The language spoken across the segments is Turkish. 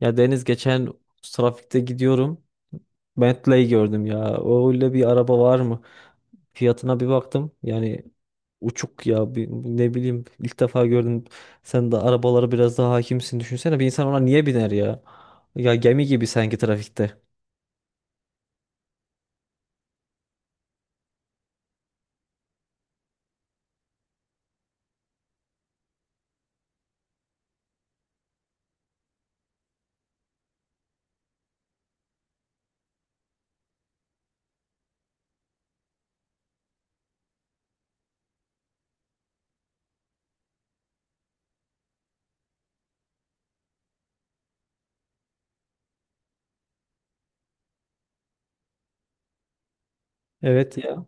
Ya Deniz geçen trafikte gidiyorum. Bentley gördüm ya. Öyle bir araba var mı? Fiyatına bir baktım. Yani uçuk ya. Ne bileyim ilk defa gördüm. Sen de arabalara biraz daha hakimsin. Düşünsene bir insan ona niye biner ya? Ya gemi gibi sanki trafikte. Evet ya.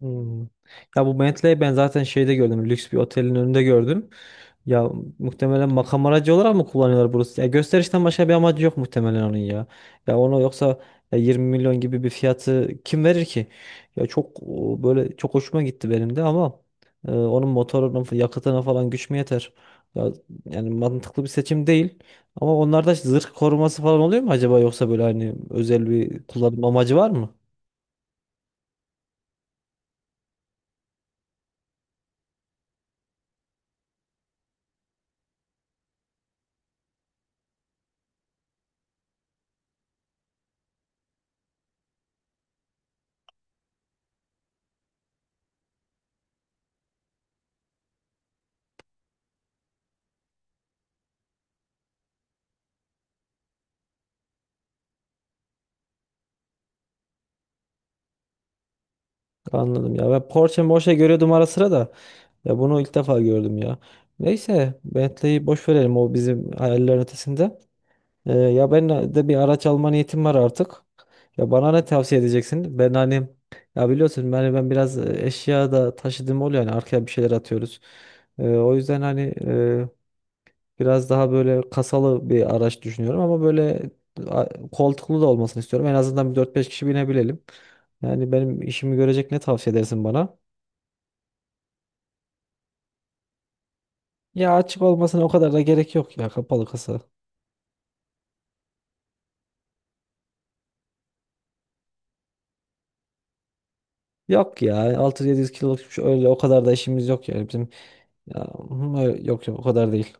Hmm. Ya bu Bentley'i ben zaten şeyde gördüm. Lüks bir otelin önünde gördüm. Ya muhtemelen makam aracı olarak mı kullanıyorlar burası? Ya gösterişten başka bir amacı yok muhtemelen onun ya. Ya onu yoksa ya 20 milyon gibi bir fiyatı kim verir ki? Ya çok o, böyle çok hoşuma gitti benim de ama onun motorunun yakıtına falan güç mü yeter? Ya yani mantıklı bir seçim değil. Ama onlarda zırh koruması falan oluyor mu acaba yoksa böyle hani özel bir kullanım amacı var mı? Anladım ya. Ben Porsche Morsche görüyordum ara sıra da. Ya bunu ilk defa gördüm ya. Neyse Bentley'i boş verelim, o bizim hayallerin ötesinde. Ya ben de bir araç alma niyetim var artık. Ya bana ne tavsiye edeceksin? Ben hani ya biliyorsun ben biraz eşya da taşıdığım oluyor, yani arkaya bir şeyler atıyoruz. O yüzden hani e, biraz daha böyle kasalı bir araç düşünüyorum ama böyle koltuklu da olmasını istiyorum. En azından bir dört beş kişi binebilelim. Yani benim işimi görecek ne tavsiye edersin bana? Ya açık olmasına o kadar da gerek yok, ya kapalı kasa. Yok ya, altı yedi yüz kiloluk bir şey, öyle o kadar da işimiz yok yani bizim. Ya, hı, yok yok o kadar değil.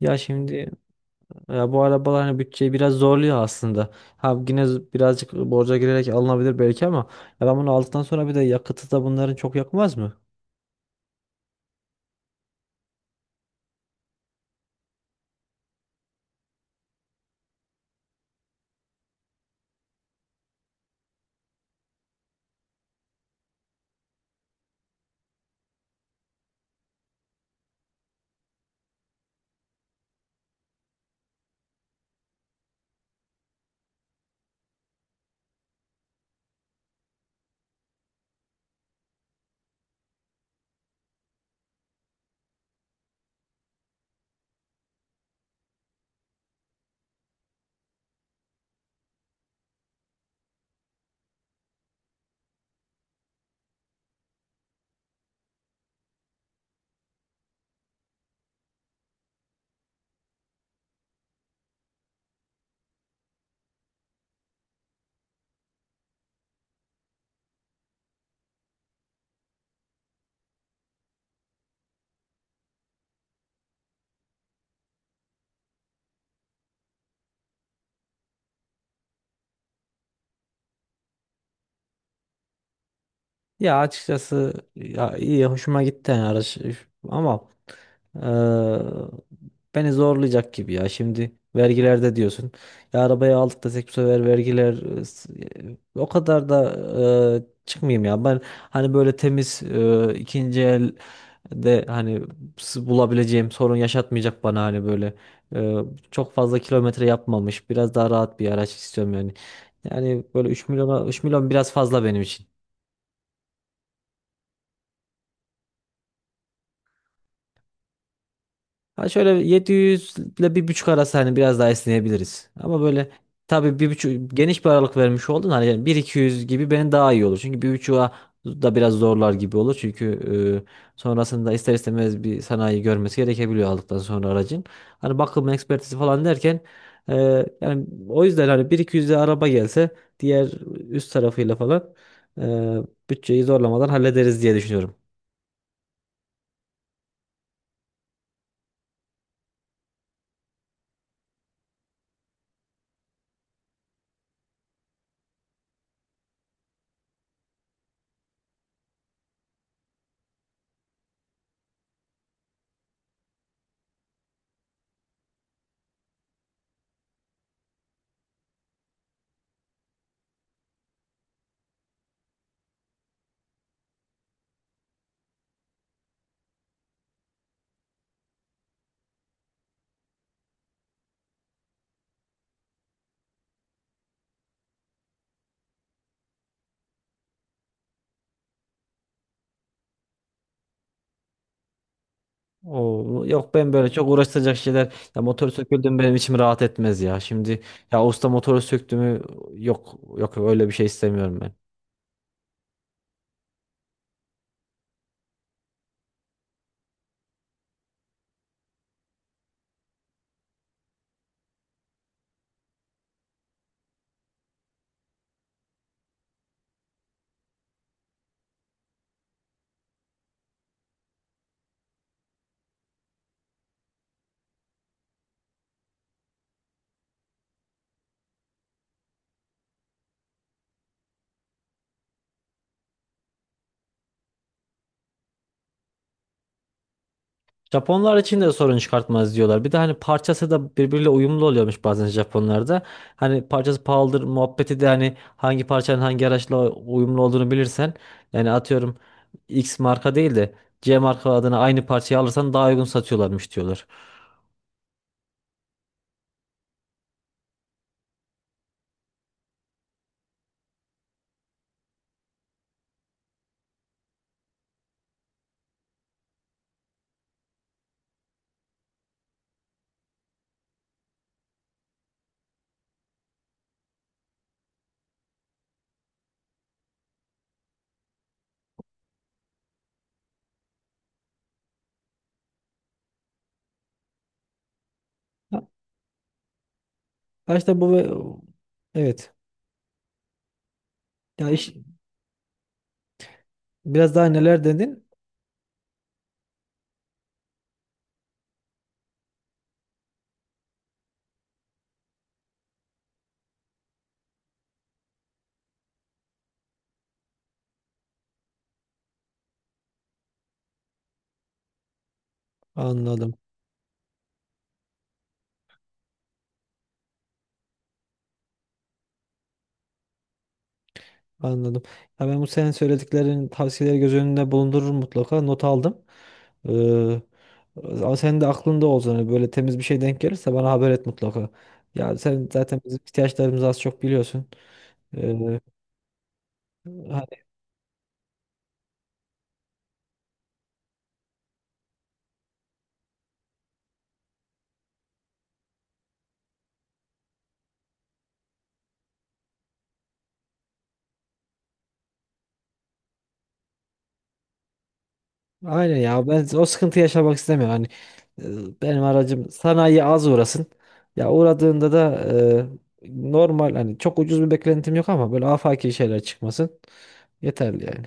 Ya şimdi ya bu arabalar hani bütçeyi biraz zorluyor aslında. Ha yine birazcık borca girerek alınabilir belki ama ya ben bunu aldıktan sonra bir de yakıtı da bunların çok yakmaz mı? Ya açıkçası ya iyi hoşuma gitti yani araç ama eee, beni zorlayacak gibi. Ya şimdi vergilerde diyorsun, ya arabayı aldık desek bu sefer vergiler o kadar da çıkmayayım ya ben, hani böyle temiz ikinci el de hani bulabileceğim, sorun yaşatmayacak bana, hani böyle eee, çok fazla kilometre yapmamış biraz daha rahat bir araç istiyorum yani. Yani böyle 3 milyona, 3 milyon biraz fazla benim için. Ha şöyle 700 ile bir buçuk arası hani biraz daha esneyebiliriz. Ama böyle tabii bir buçuk geniş bir aralık vermiş oldun hani, yani bir iki yüz gibi benim daha iyi olur. Çünkü 1.5'a da biraz zorlar gibi olur. Çünkü sonrasında ister istemez bir sanayi görmesi gerekebiliyor aldıktan sonra aracın. Hani bakım ekspertizi falan derken e, yani o yüzden hani 1.200'e araba gelse diğer üst tarafıyla falan e, bütçeyi zorlamadan hallederiz diye düşünüyorum. Oo, yok ben böyle çok uğraştıracak şeyler, ya motor söküldü mü benim içim rahat etmez ya. Şimdi ya usta motoru söktü mü, yok yok öyle bir şey istemiyorum ben. Japonlar için de sorun çıkartmaz diyorlar. Bir de hani parçası da birbiriyle uyumlu oluyormuş bazen Japonlarda. Hani parçası pahalıdır muhabbeti de, hani hangi parçanın hangi araçla uyumlu olduğunu bilirsen, yani atıyorum X marka değil de C marka adına aynı parçayı alırsan daha uygun satıyorlarmış diyorlar. Ha ha, işte bu, evet. Ya iş, biraz daha neler dedin? Anladım. Anladım. Ya ben bu senin söylediklerin tavsiyeleri göz önünde bulundururum mutlaka. Not aldım. Ee, Ama senin de aklında olsun. Hani böyle temiz bir şey denk gelirse bana haber et mutlaka. Ya sen zaten bizim ihtiyaçlarımızı az çok biliyorsun. Ee, hani, aynen ya, ben o sıkıntı yaşamak istemiyorum. Hani benim aracım sanayi az uğrasın. Ya uğradığında da normal, hani çok ucuz bir beklentim yok ama böyle afaki şeyler çıkmasın. Yeterli yani.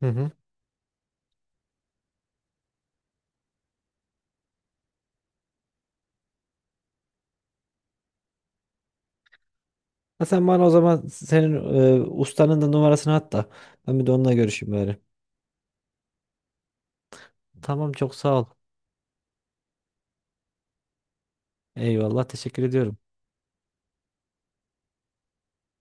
Hı hı. Ha sen bana o zaman senin ustanın da numarasını at da ben bir de onunla görüşeyim bari. Tamam, çok sağ ol. Eyvallah, teşekkür ediyorum.